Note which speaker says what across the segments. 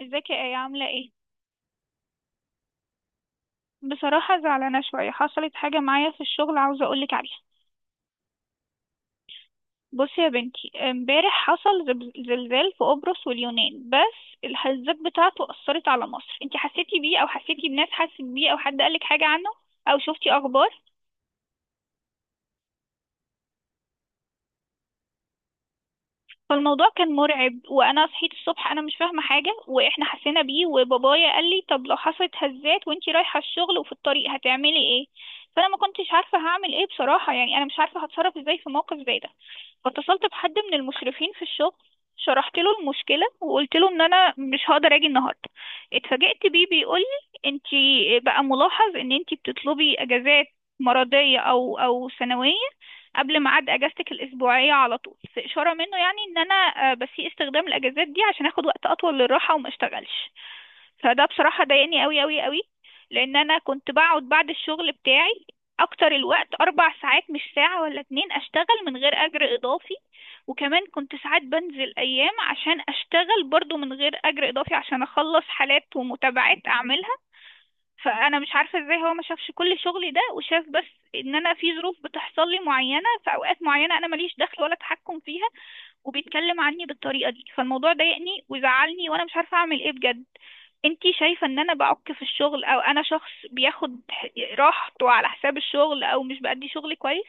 Speaker 1: ازيك يا ايه؟ عامله ايه؟ بصراحه زعلانه شويه. حصلت حاجه معايا في الشغل عاوزه اقولك عليها. بصي يا بنتي، امبارح حصل زلزال في قبرص واليونان، بس الهزات بتاعته اثرت على مصر. انتي حسيتي بيه؟ او حسيتي بناس حست بيه؟ او حد قالك حاجه عنه او شفتي اخبار؟ فالموضوع كان مرعب. وانا صحيت الصبح انا مش فاهمه حاجه، واحنا حسينا بيه. وبابايا قال لي طب لو حصلت هزات وانتي رايحه الشغل وفي الطريق هتعملي ايه؟ فانا ما كنتش عارفه هعمل ايه بصراحه، يعني انا مش عارفه هتصرف ازاي في موقف زي ده. فاتصلت بحد من المشرفين في الشغل، شرحت له المشكلة وقلت له ان انا مش هقدر اجي النهاردة. اتفاجئت بيه بيقول لي انتي بقى ملاحظ ان انتي بتطلبي اجازات مرضية او سنوية قبل ميعاد اجازتك الاسبوعية على طول، في اشارة منه يعني ان انا، بسيء استخدام الاجازات دي عشان اخد وقت اطول للراحة وما اشتغلش. فده بصراحة ضايقني قوي قوي قوي. لأن أنا كنت بقعد بعد الشغل بتاعي أكتر الوقت أربع ساعات، مش ساعة ولا اتنين، أشتغل من غير أجر إضافي. وكمان كنت ساعات بنزل أيام عشان أشتغل برضو من غير أجر إضافي عشان أخلص حالات ومتابعات أعملها. فأنا مش عارفة إزاي هو ما شافش كل شغلي ده وشاف بس إن أنا في ظروف بتحصل لي معينة في أوقات معينة، أنا ماليش دخل ولا تحكم فيها، وبيتكلم عني بالطريقة دي. فالموضوع ضايقني وزعلني وأنا مش عارفة أعمل إيه بجد. انتي شايفة ان انا بعك في الشغل، او انا شخص بياخد راحته على حساب الشغل، او مش بأدي شغلي كويس؟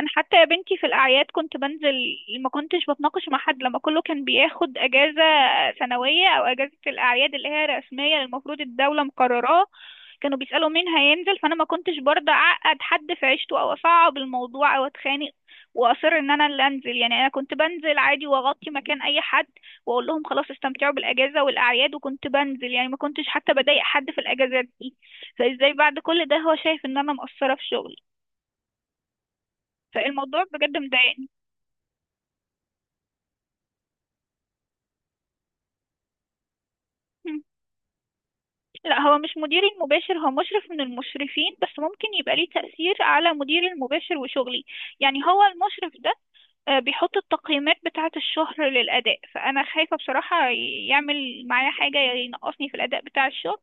Speaker 1: انا حتى يا بنتي في الاعياد كنت بنزل، ما كنتش بتناقش مع حد. لما كله كان بياخد اجازة سنوية او اجازة الاعياد اللي هي رسمية المفروض الدولة مقرراها، كانوا بيسألوا مين هينزل، فانا ما كنتش برضه اعقد حد في عيشته او اصعب الموضوع او اتخانق، واصر ان انا اللي انزل. يعني انا كنت بنزل عادي واغطي مكان اي حد واقول لهم خلاص استمتعوا بالاجازه والاعياد، وكنت بنزل يعني ما كنتش حتى بضايق حد في الاجازات دي. فازاي بعد كل ده هو شايف ان انا مقصره في شغلي؟ فالموضوع بجد مضايقني. مم. لا، هو مش مديري المباشر، هو مشرف من المشرفين، بس ممكن يبقى ليه تأثير على مديري المباشر وشغلي. يعني هو المشرف ده، بيحط التقييمات بتاعة الشهر للأداء، فأنا خايفة بصراحة يعمل معايا حاجة ينقصني في الأداء بتاع الشهر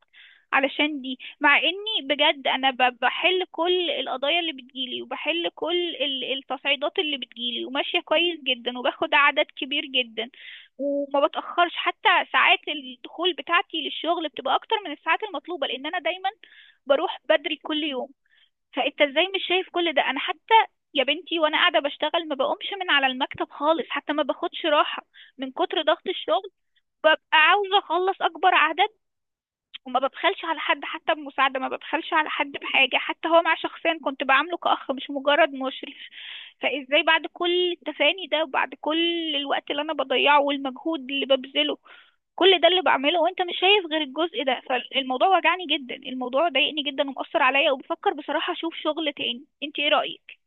Speaker 1: علشان دي. مع إني بجد أنا بحل كل القضايا اللي بتجيلي وبحل كل التصعيدات اللي بتجيلي وماشية كويس جدا وباخد عدد كبير جدا، وما بتأخرش. حتى ساعات الدخول بتاعتي للشغل بتبقى أكتر من الساعات المطلوبة، لأن أنا دايما بروح بدري كل يوم. فانت ازاي مش شايف كل ده؟ انا حتى يا بنتي وانا قاعده بشتغل ما بقومش من على المكتب خالص، حتى ما باخدش راحه من كتر ضغط الشغل. ببقى عاوزه اخلص اكبر اعداد، وما ببخلش على حد حتى بمساعده، ما ببخلش على حد بحاجه. حتى هو مع شخصيا كنت بعامله كاخ، مش مجرد مشرف. فازاي بعد كل التفاني ده وبعد كل الوقت اللي انا بضيعه والمجهود اللي ببذله كل ده اللي بعمله، وانت مش شايف غير الجزء ده؟ فالموضوع وجعني جدا، الموضوع ضايقني جدا ومأثر عليا، وبفكر بصراحة اشوف شغل تاني. انت ايه رأيك؟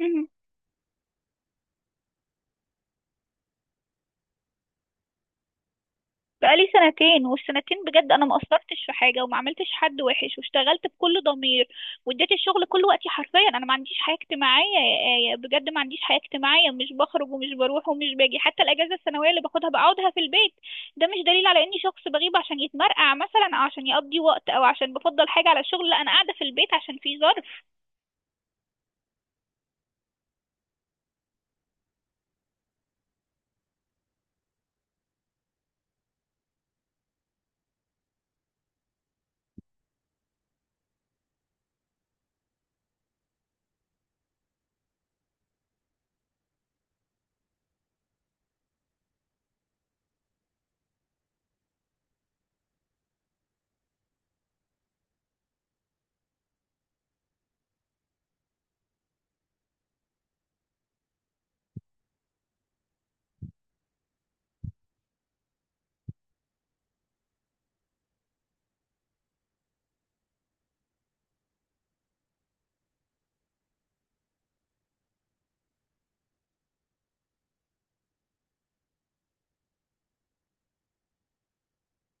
Speaker 1: مهم. بقالي سنتين، والسنتين بجد انا ما قصرتش في حاجة وما عملتش حد وحش واشتغلت بكل ضمير. واديت الشغل كل وقتي حرفيا. انا ما عنديش حياة اجتماعية يا آية، بجد ما عنديش حياة اجتماعية. مش بخرج ومش بروح ومش باجي. حتى الاجازة السنوية اللي باخدها بقعدها في البيت. ده مش دليل على اني شخص بغيب عشان يتمرقع مثلا او عشان يقضي وقت او عشان بفضل حاجة على الشغل. لا، انا قاعدة في البيت عشان في ظرف.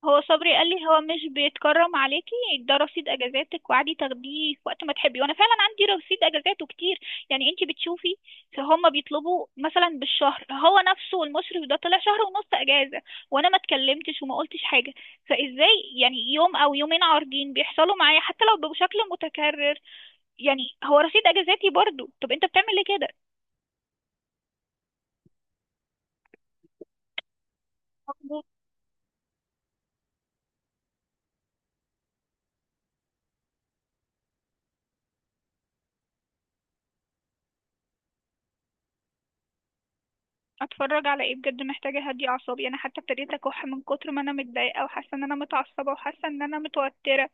Speaker 1: هو صبري قال لي هو مش بيتكرم عليكي، ده رصيد اجازاتك وعادي تاخديه في وقت ما تحبي. وانا فعلا عندي رصيد اجازات وكتير، يعني انتي بتشوفي. فهم بيطلبوا مثلا بالشهر، هو نفسه المشرف ده طلع شهر ونص اجازه وانا ما اتكلمتش وما قلتش حاجه. فازاي يعني يوم او يومين عارضين بيحصلوا معايا حتى لو بشكل متكرر، يعني هو رصيد اجازاتي برضو؟ طب انت بتعمل ليه كده؟ اتفرج على ايه؟ بجد محتاجه اهدي اعصابي. انا حتى ابتديت اكح من كتر ما انا متضايقه، وحاسه ان انا متعصبه وحاسه ان انا متوتره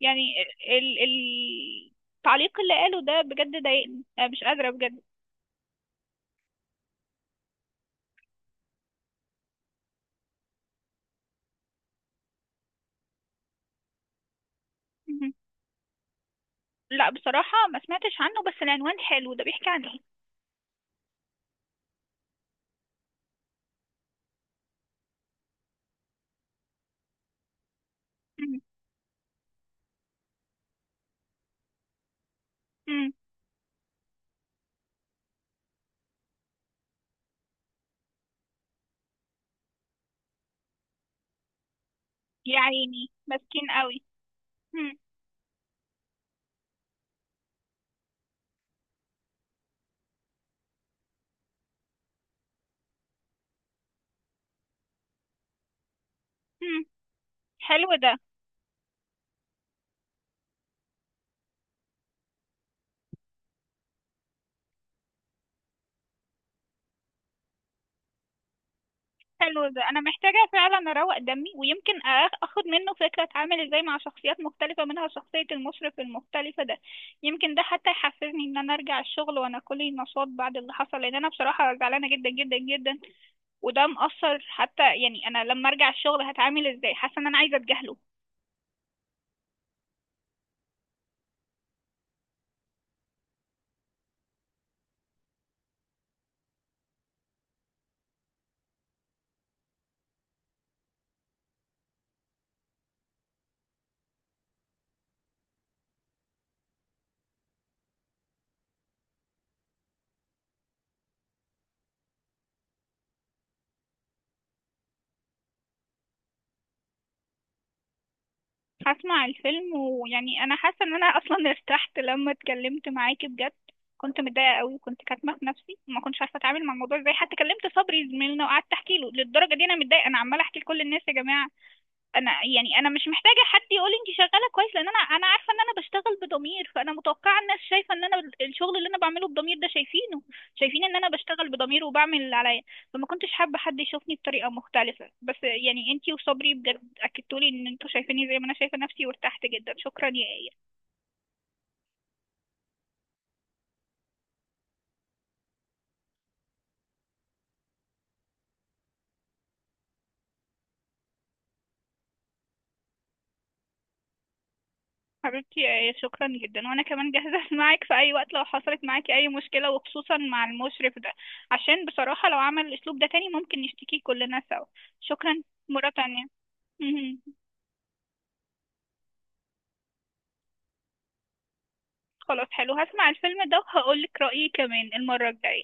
Speaker 1: يعني. ال التعليق اللي قاله ده بجد ضايقني. أنا مش قادره بجد. مهم. لا، بصراحه ما سمعتش عنه، بس العنوان حلو. ده بيحكي عن ايه؟ مهم. مم. يا عيني، مسكين قوي. مم. مم. حلو ده. حلو ده، انا محتاجه فعلا اروق دمي، ويمكن اخد منه فكره اتعامل ازاي مع شخصيات مختلفه، منها شخصيه المشرف المختلفه ده. يمكن ده حتى يحفزني ان انا ارجع الشغل وانا كلي نشاط بعد اللي حصل، لان انا بصراحه زعلانه جدا جدا جدا. وده مأثر حتى، يعني انا لما ارجع الشغل هتعامل ازاي؟ حاسه ان انا عايزه اتجاهله. هسمع الفيلم. ويعني انا حاسه ان انا اصلا ارتحت لما اتكلمت معاكي بجد. كنت متضايقه قوي وكنت كاتمه في نفسي وما كنتش عارفه اتعامل مع الموضوع ازاي. حتى كلمت صبري زميلنا وقعدت احكي له للدرجه دي انا متضايقه. انا عماله احكي لكل الناس يا جماعه. انا يعني انا مش محتاجه حد يقول لي انت شغاله كويس، لان انا عارفه ان انا بشتغل بضمير. فانا متوقعه الناس شايفه ان انا الشغل اللي انا بعمله بضمير ده شايفينه، شايفين ان انا بشتغل بضمير وبعمل اللي عليا. فما كنتش حابه حد يشوفني بطريقه مختلفه، بس يعني انت وصبري بجد اكدتولي ان انتوا شايفيني زي ما انا شايفه نفسي، وارتحت جدا. شكرا يا ايه. حبيبتي يا ايه شكرا جدا. وانا كمان جاهزه معاك في اي وقت لو حصلت معاكي اي مشكله، وخصوصا مع المشرف ده. عشان بصراحه لو عمل الاسلوب ده تاني ممكن نشتكي كلنا سوا. شكرا مرة تانية. مهم. خلاص حلو، هسمع الفيلم ده وهقول لك رأيي كمان المرة الجاية.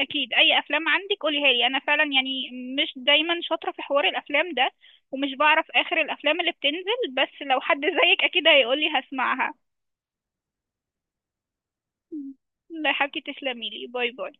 Speaker 1: أكيد أي أفلام عندك قوليها لي. أنا فعلا يعني مش دايما شاطرة في حوار الأفلام ده ومش بعرف آخر الأفلام اللي بتنزل، بس لو حد زيك أكيد هيقولي هسمعها. لا يا حبيبتي، تسلمي لي. باي باي.